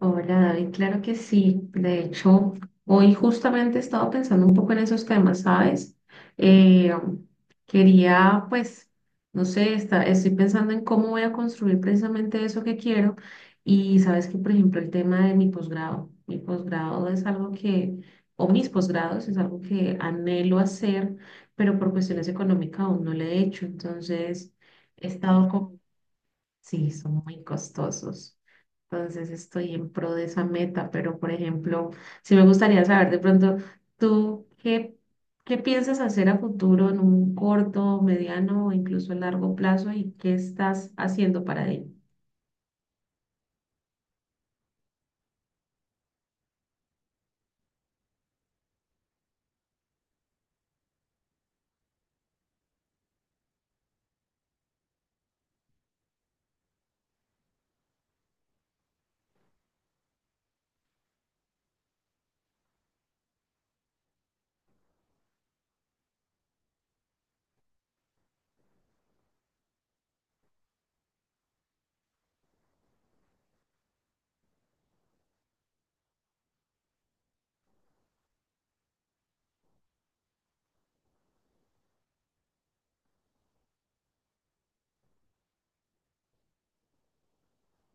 Oh, hola David, claro que sí. De hecho, hoy justamente estaba pensando un poco en esos temas, ¿sabes? Eh, Quería, pues, no sé, estoy pensando en cómo voy a construir precisamente eso que quiero. Y sabes que, por ejemplo, el tema de mi posgrado. Mi posgrado es algo que, o mis posgrados es algo que anhelo hacer, pero por cuestiones económicas aún no lo he hecho. Entonces, he estado con. Sí, son muy costosos. Entonces estoy en pro de esa meta, pero por ejemplo, sí me gustaría saber de pronto, ¿tú qué piensas hacer a futuro en un corto, mediano o incluso largo plazo y qué estás haciendo para ello?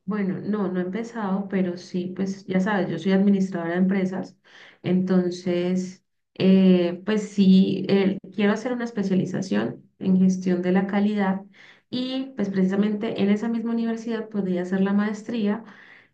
Bueno, no, no he empezado, pero sí, pues ya sabes, yo soy administradora de empresas, entonces, pues sí, quiero hacer una especialización en gestión de la calidad y pues precisamente en esa misma universidad podría hacer la maestría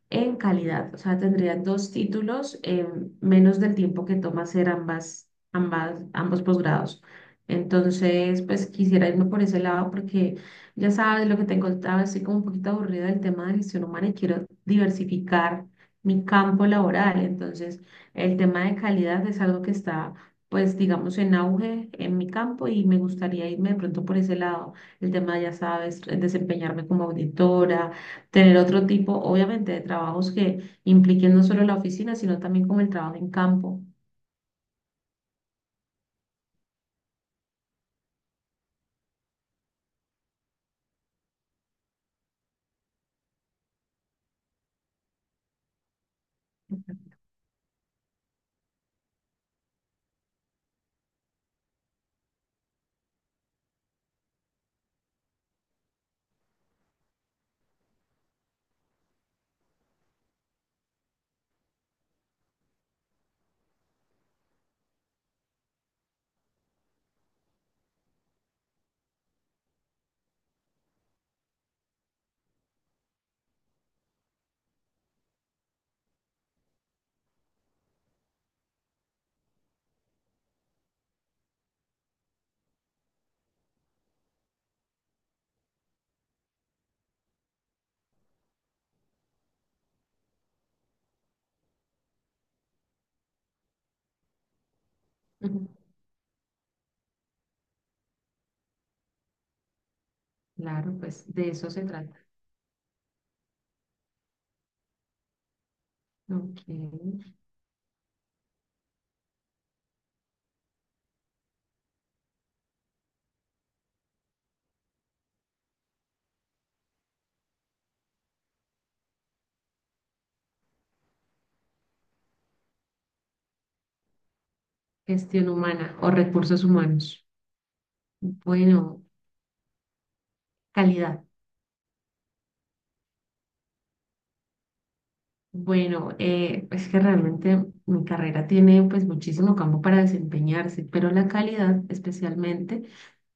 en calidad. O sea, tendría dos títulos en menos del tiempo que toma hacer ambos posgrados. Entonces, pues quisiera irme por ese lado porque ya sabes lo que te contaba, estoy como un poquito aburrida del tema de gestión humana y quiero diversificar mi campo laboral. Entonces, el tema de calidad es algo que está, pues, digamos, en auge en mi campo y me gustaría irme de pronto por ese lado. El tema, ya sabes, desempeñarme como auditora. Tener otro tipo, obviamente, de trabajos que impliquen no solo la oficina, sino también como el trabajo en campo. Ujú. Claro, pues de eso se trata. Ok. Gestión humana o recursos humanos. Bueno, calidad. Bueno, es que realmente mi carrera tiene pues muchísimo campo para desempeñarse, pero la calidad especialmente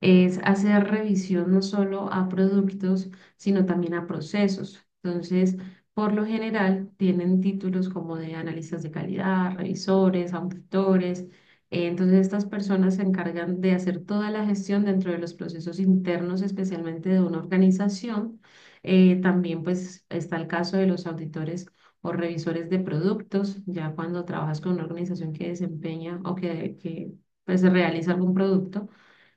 es hacer revisión no solo a productos, sino también a procesos. Entonces, por lo general, tienen títulos como de analistas de calidad, revisores, auditores. Entonces, estas personas se encargan de hacer toda la gestión dentro de los procesos internos, especialmente de una organización. También pues está el caso de los auditores o revisores de productos, ya cuando trabajas con una organización que desempeña o que pues, realiza algún producto,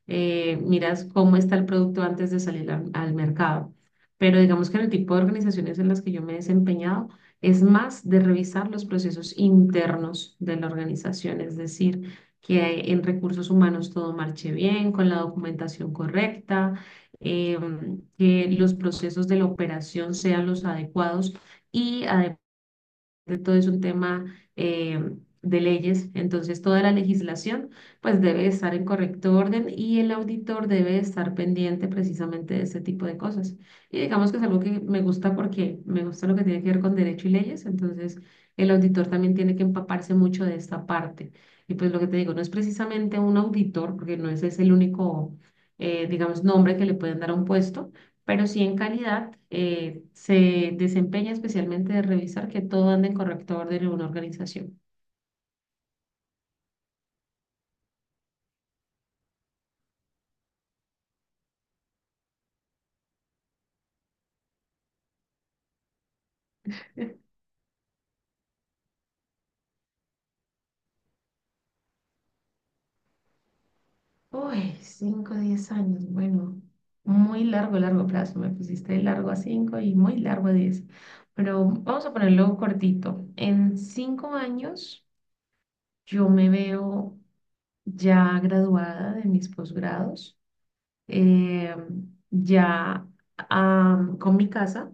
miras cómo está el producto antes de salir al mercado. Pero digamos que en el tipo de organizaciones en las que yo me he desempeñado es más de revisar los procesos internos de la organización, es decir, que en recursos humanos todo marche bien, con la documentación correcta, que los procesos de la operación sean los adecuados y adecuados de todo es un tema eh, de leyes, entonces toda la legislación pues debe estar en correcto orden y el auditor debe estar pendiente precisamente de ese tipo de cosas. Y digamos que es algo que me gusta porque me gusta lo que tiene que ver con derecho y leyes, entonces el auditor también tiene que empaparse mucho de esta parte. Y pues lo que te digo, no es precisamente un auditor, porque no ese es el único, digamos, nombre que le pueden dar a un puesto, pero sí en calidad, se desempeña especialmente de revisar que todo ande en correcto orden en una organización. Uy, 5 10 años, bueno, muy largo, largo plazo. Me pusiste de largo a cinco y muy largo a 10, pero vamos a ponerlo cortito. En 5 años yo me veo ya graduada de mis posgrados, eh, ya con mi casa.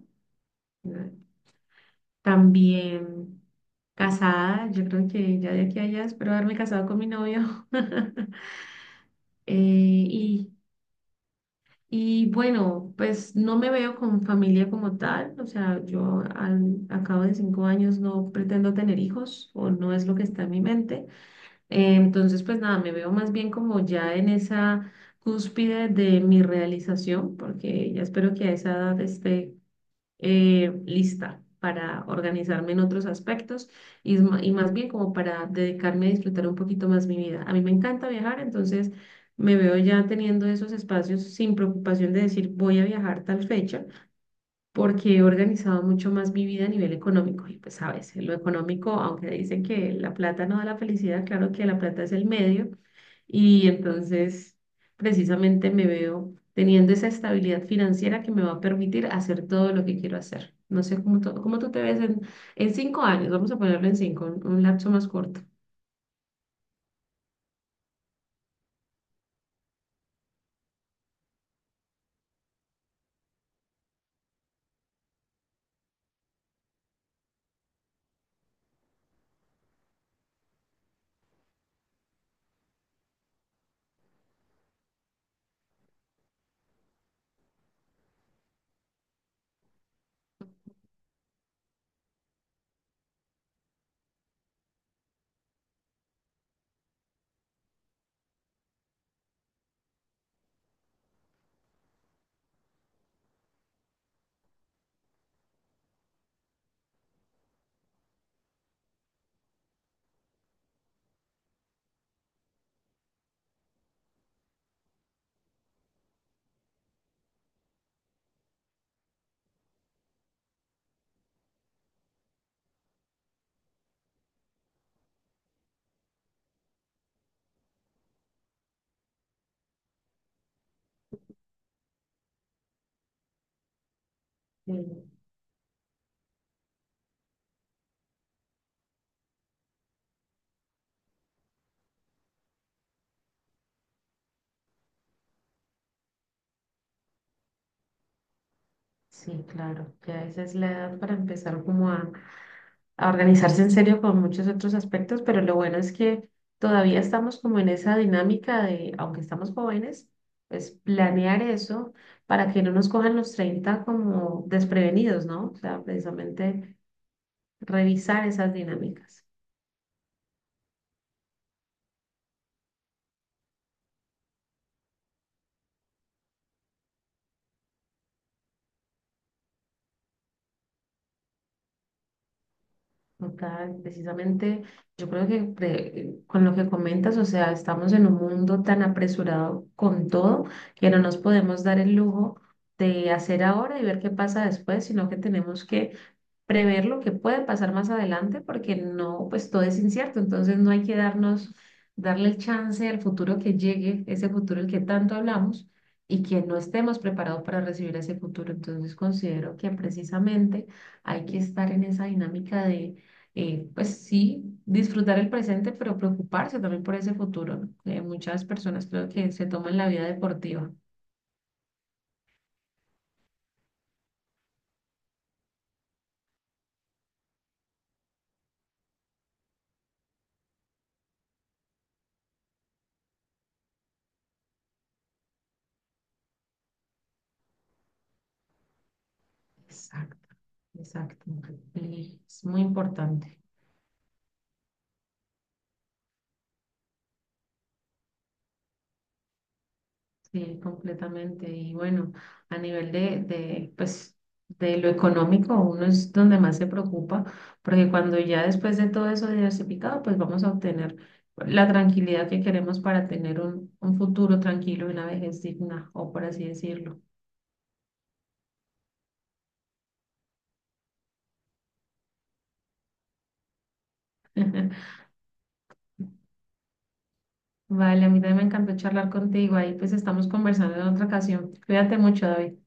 También casada, yo creo que ya de aquí a allá espero haberme casado con mi novio. Eh, y, y bueno, pues no me veo con familia como tal, o sea, yo a cabo de 5 años no pretendo tener hijos o no es lo que está en mi mente. Entonces, pues nada, me veo más bien como ya en esa cúspide de mi realización, porque ya espero que a esa edad esté lista para organizarme en otros aspectos y más bien como para dedicarme a disfrutar un poquito más mi vida. A mí me encanta viajar, entonces me veo ya teniendo esos espacios sin preocupación de decir voy a viajar tal fecha, porque he organizado mucho más mi vida a nivel económico. Y pues a veces lo económico, aunque dicen que la plata no da la felicidad, claro que la plata es el medio y entonces, precisamente me veo teniendo esa estabilidad financiera que me va a permitir hacer todo lo que quiero hacer. No sé cómo tú te ves en, 5 años, vamos a ponerlo en cinco, un lapso más corto. Sí, sí, claro, ya esa es la edad para empezar como a organizarse en serio con muchos otros aspectos, pero lo bueno es que todavía estamos como en esa dinámica de, aunque estamos jóvenes, pues planear eso para que no nos cojan los 30 como desprevenidos, ¿no? O sea, precisamente revisar esas dinámicas. O precisamente yo creo que con lo que comentas, o sea, estamos en un mundo tan apresurado con todo que no nos podemos dar el lujo de hacer ahora y ver qué pasa después, sino que tenemos que prever lo que puede pasar más adelante, porque no, pues todo es incierto, entonces no hay que darle el chance al futuro que llegue, ese futuro del que tanto hablamos, y que no estemos preparados para recibir ese futuro. Entonces considero que precisamente hay que estar en esa dinámica de, pues sí, disfrutar el presente, pero preocuparse también por ese futuro, ¿no? Muchas personas creo que se toman la vida deportiva. Exacto, exacto. Es muy importante. Sí, completamente. Y bueno, a nivel de, pues, de lo económico, uno es donde más se preocupa, porque cuando ya después de todo eso diversificado, pues vamos a obtener la tranquilidad que queremos para tener un, futuro tranquilo y una vejez digna, o por así decirlo. Vale, a mí también me encantó charlar contigo. Ahí pues estamos conversando en otra ocasión. Cuídate mucho, David.